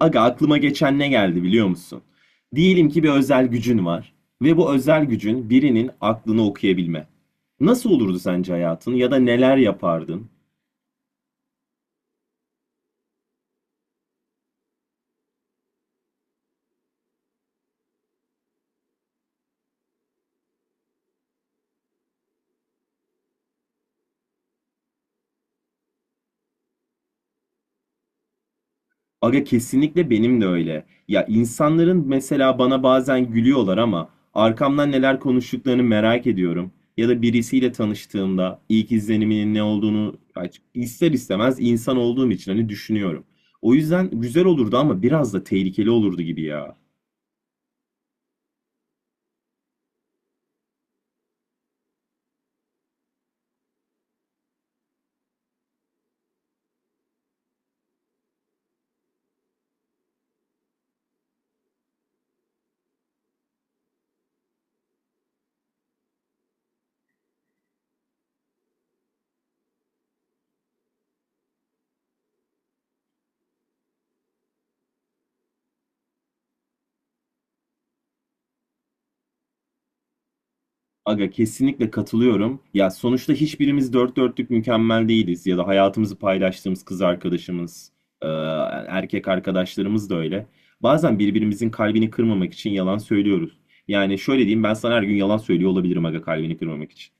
Aga aklıma geçen ne geldi biliyor musun? Diyelim ki bir özel gücün var ve bu özel gücün birinin aklını okuyabilme. Nasıl olurdu sence hayatın ya da neler yapardın? Aga kesinlikle benim de öyle. Ya insanların mesela bana bazen gülüyorlar ama arkamdan neler konuştuklarını merak ediyorum. Ya da birisiyle tanıştığımda ilk izleniminin ne olduğunu ya ister istemez insan olduğum için hani düşünüyorum. O yüzden güzel olurdu ama biraz da tehlikeli olurdu gibi ya. Aga kesinlikle katılıyorum. Ya sonuçta hiçbirimiz dört dörtlük mükemmel değiliz ya da hayatımızı paylaştığımız kız arkadaşımız, e, erkek arkadaşlarımız da öyle. Bazen birbirimizin kalbini kırmamak için yalan söylüyoruz. Yani şöyle diyeyim ben sana her gün yalan söylüyor olabilirim aga kalbini kırmamak için.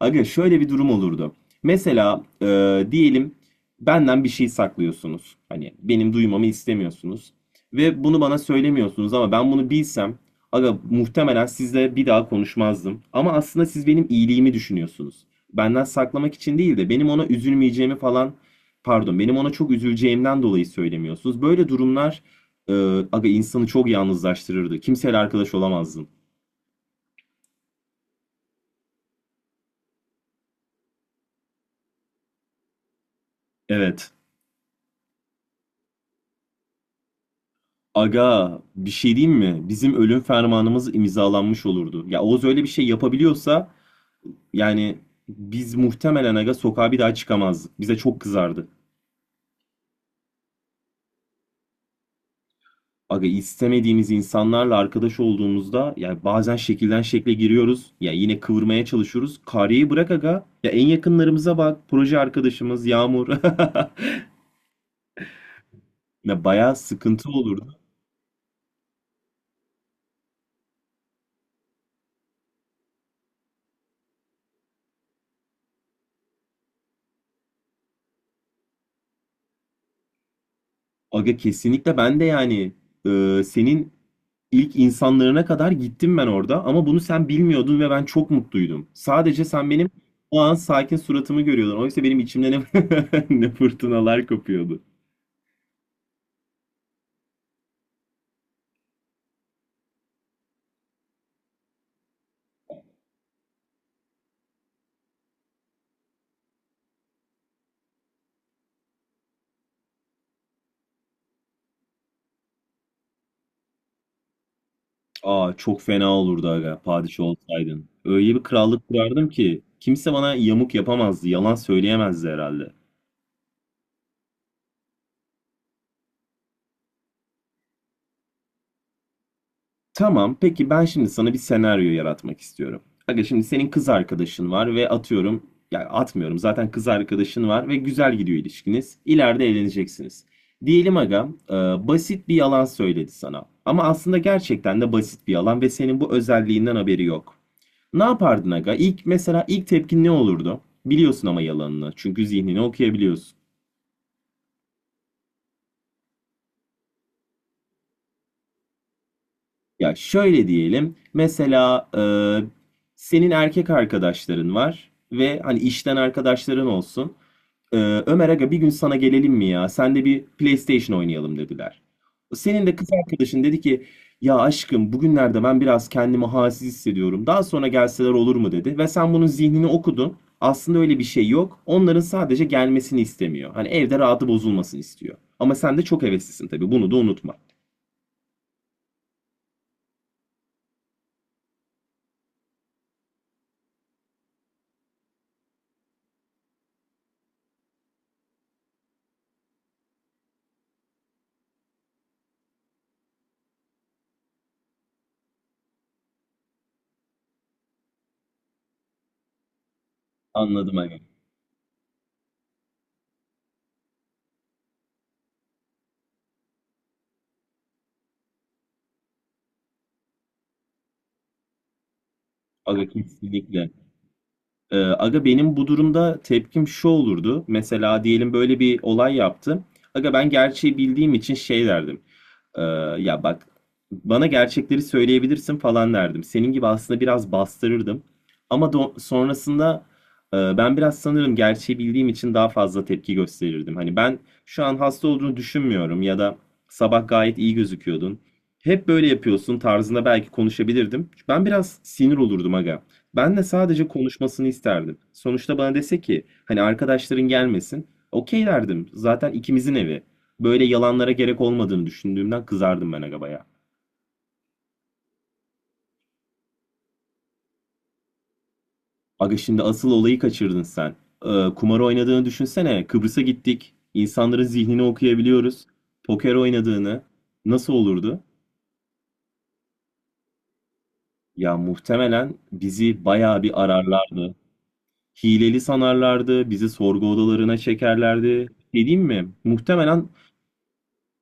Aga şöyle bir durum olurdu. Mesela diyelim benden bir şey saklıyorsunuz. Hani benim duymamı istemiyorsunuz. Ve bunu bana söylemiyorsunuz ama ben bunu bilsem aga muhtemelen sizle bir daha konuşmazdım. Ama aslında siz benim iyiliğimi düşünüyorsunuz. Benden saklamak için değil de benim ona üzülmeyeceğimi falan pardon benim ona çok üzüleceğimden dolayı söylemiyorsunuz. Böyle durumlar e, aga insanı çok yalnızlaştırırdı. Kimseyle arkadaş olamazdın. Evet. Aga bir şey diyeyim mi? Bizim ölüm fermanımız imzalanmış olurdu. Ya Oğuz öyle bir şey yapabiliyorsa yani biz muhtemelen aga sokağa bir daha çıkamazdık. Bize çok kızardı. Aga istemediğimiz insanlarla arkadaş olduğumuzda yani bazen şekilden şekle giriyoruz. Ya yine kıvırmaya çalışıyoruz. Karyayı bırak aga. Ya en yakınlarımıza bak. Proje arkadaşımız Yağmur. Ya bayağı sıkıntı olurdu. Aga kesinlikle ben de yani senin İlk insanlarına kadar gittim ben orada ama bunu sen bilmiyordun ve ben çok mutluydum. Sadece sen benim o an sakin suratımı görüyordun. Oysa benim içimde ne fırtınalar kopuyordu. Aa çok fena olurdu aga padişah olsaydın. Öyle bir krallık kurardım ki kimse bana yamuk yapamazdı, yalan söyleyemezdi herhalde. Tamam, peki ben şimdi sana bir senaryo yaratmak istiyorum. Aga şimdi senin kız arkadaşın var ve atıyorum, ya atmıyorum zaten kız arkadaşın var ve güzel gidiyor ilişkiniz. İleride evleneceksiniz. Diyelim aga, basit bir yalan söyledi sana. Ama aslında gerçekten de basit bir yalan ve senin bu özelliğinden haberi yok. Ne yapardın aga? İlk mesela ilk tepkin ne olurdu? Biliyorsun ama yalanını. Çünkü zihnini okuyabiliyorsun. Ya şöyle diyelim. Mesela senin erkek arkadaşların var ve hani işten arkadaşların olsun. E, Ömer aga bir gün sana gelelim mi ya? Sen de bir PlayStation oynayalım dediler. Senin de kız arkadaşın dedi ki ya aşkım bugünlerde ben biraz kendimi halsiz hissediyorum. Daha sonra gelseler olur mu dedi ve sen bunun zihnini okudun. Aslında öyle bir şey yok. Onların sadece gelmesini istemiyor. Hani evde rahatı bozulmasın istiyor. Ama sen de çok heveslisin tabii. Bunu da unutma. Anladım aga. Aga kesinlikle. Aga benim bu durumda tepkim şu olurdu. Mesela diyelim böyle bir olay yaptı. Aga ben gerçeği bildiğim için şey derdim. Ee, ya bak bana gerçekleri söyleyebilirsin falan derdim. Senin gibi aslında biraz bastırırdım. Ama sonrasında ben biraz sanırım gerçeği bildiğim için daha fazla tepki gösterirdim. Hani ben şu an hasta olduğunu düşünmüyorum ya da sabah gayet iyi gözüküyordun. Hep böyle yapıyorsun tarzında belki konuşabilirdim. Ben biraz sinir olurdum aga. Ben de sadece konuşmasını isterdim. Sonuçta bana dese ki hani arkadaşların gelmesin. Okey derdim. Zaten ikimizin evi. Böyle yalanlara gerek olmadığını düşündüğümden kızardım ben aga baya. Aga şimdi asıl olayı kaçırdın sen. Kumar oynadığını düşünsene. Kıbrıs'a gittik. İnsanların zihnini okuyabiliyoruz. Poker oynadığını. Nasıl olurdu? Ya muhtemelen bizi bayağı bir ararlardı. Hileli sanarlardı. Bizi sorgu odalarına çekerlerdi. Ne diyeyim mi? Muhtemelen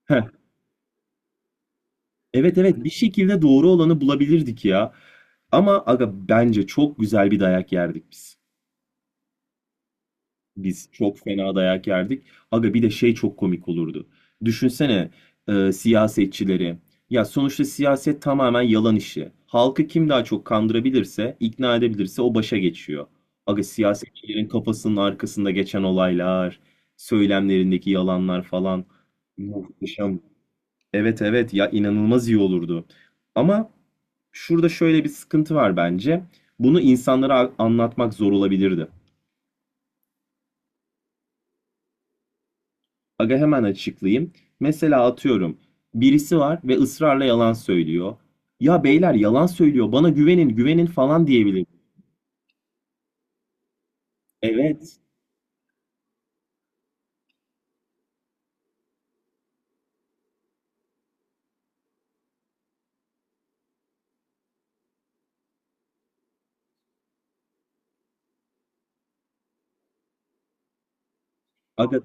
evet evet bir şekilde doğru olanı bulabilirdik ya. Ama aga bence çok güzel bir dayak yerdik biz. Biz çok fena dayak yerdik. Aga bir de şey çok komik olurdu. Düşünsene siyasetçileri. Ya sonuçta siyaset tamamen yalan işi. Halkı kim daha çok kandırabilirse, ikna edebilirse o başa geçiyor. Aga siyasetçilerin kafasının arkasında geçen olaylar, söylemlerindeki yalanlar falan muhteşem. Evet evet ya inanılmaz iyi olurdu. Ama şurada şöyle bir sıkıntı var bence. Bunu insanlara anlatmak zor olabilirdi. Aga hemen açıklayayım. Mesela atıyorum. Birisi var ve ısrarla yalan söylüyor. Ya beyler yalan söylüyor. Bana güvenin, güvenin falan diyebilir. Evet. Aga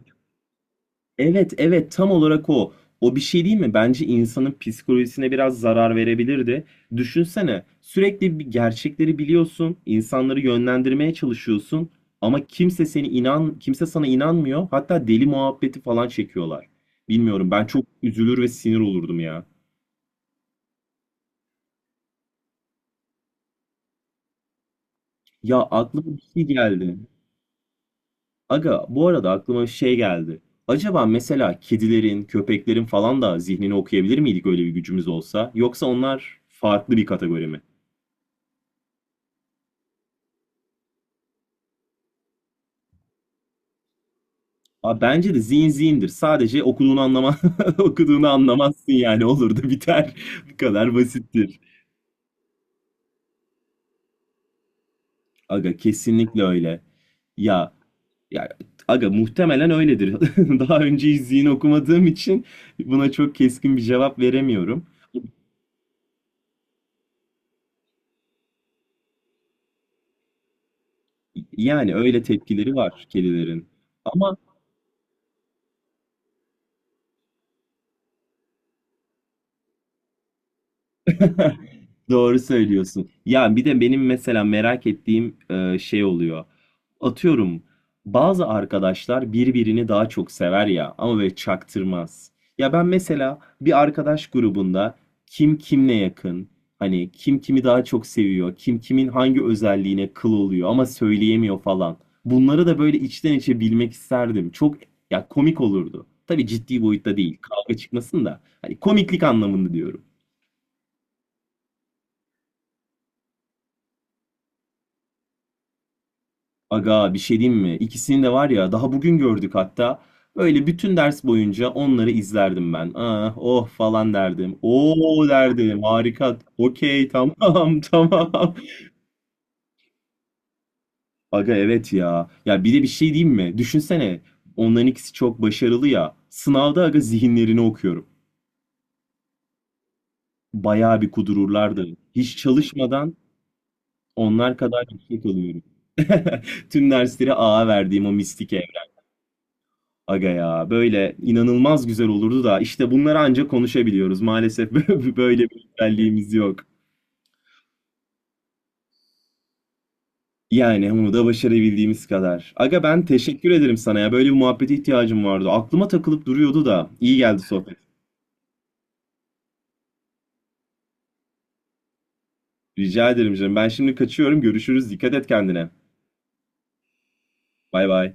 evet evet tam olarak o. O bir şey değil mi? Bence insanın psikolojisine biraz zarar verebilirdi. Düşünsene sürekli bir gerçekleri biliyorsun, insanları yönlendirmeye çalışıyorsun ama kimse sana inanmıyor. Hatta deli muhabbeti falan çekiyorlar. Bilmiyorum ben çok üzülür ve sinir olurdum ya. Ya aklıma bir şey geldi. Aga bu arada aklıma bir şey geldi. Acaba mesela kedilerin, köpeklerin falan da zihnini okuyabilir miydik öyle bir gücümüz olsa? Yoksa onlar farklı bir kategori mi? Abi bence de zihin zihindir. Sadece okuduğunu anlama okuduğunu anlamazsın yani olur da biter. Bu kadar basittir. Aga kesinlikle öyle. Ya ya aga muhtemelen öyledir. Daha önce hiç zihin okumadığım için buna çok keskin bir cevap veremiyorum. Yani öyle tepkileri var kedilerin. Ama doğru söylüyorsun. Ya bir de benim mesela merak ettiğim şey oluyor. Atıyorum bazı arkadaşlar birbirini daha çok sever ya ama böyle çaktırmaz. Ya ben mesela bir arkadaş grubunda kim kimle yakın, hani kim kimi daha çok seviyor, kim kimin hangi özelliğine kıl oluyor ama söyleyemiyor falan. Bunları da böyle içten içe bilmek isterdim. Çok ya komik olurdu. Tabii ciddi boyutta değil. Kavga çıkmasın da. Hani komiklik anlamında diyorum. Aga bir şey diyeyim mi? İkisini de var ya daha bugün gördük hatta. Böyle bütün ders boyunca onları izlerdim ben. Ah, oh falan derdim. Oo derdim. Harika. Okey tamam tamam. Aga evet ya. Ya bir de bir şey diyeyim mi? Düşünsene. Onların ikisi çok başarılı ya. Sınavda aga zihinlerini okuyorum. Bayağı bir kudururlardı. Hiç çalışmadan onlar kadar yüksek alıyorum. Tüm dersleri A'a verdiğim o mistik aga ya böyle inanılmaz güzel olurdu da işte bunları ancak konuşabiliyoruz. Maalesef böyle bir özelliğimiz yok. Yani bunu da başarabildiğimiz kadar. Aga ben teşekkür ederim sana ya. Böyle bir muhabbete ihtiyacım vardı. Aklıma takılıp duruyordu da. İyi geldi sohbet. Rica ederim canım. Ben şimdi kaçıyorum. Görüşürüz. Dikkat et kendine. Bay bay.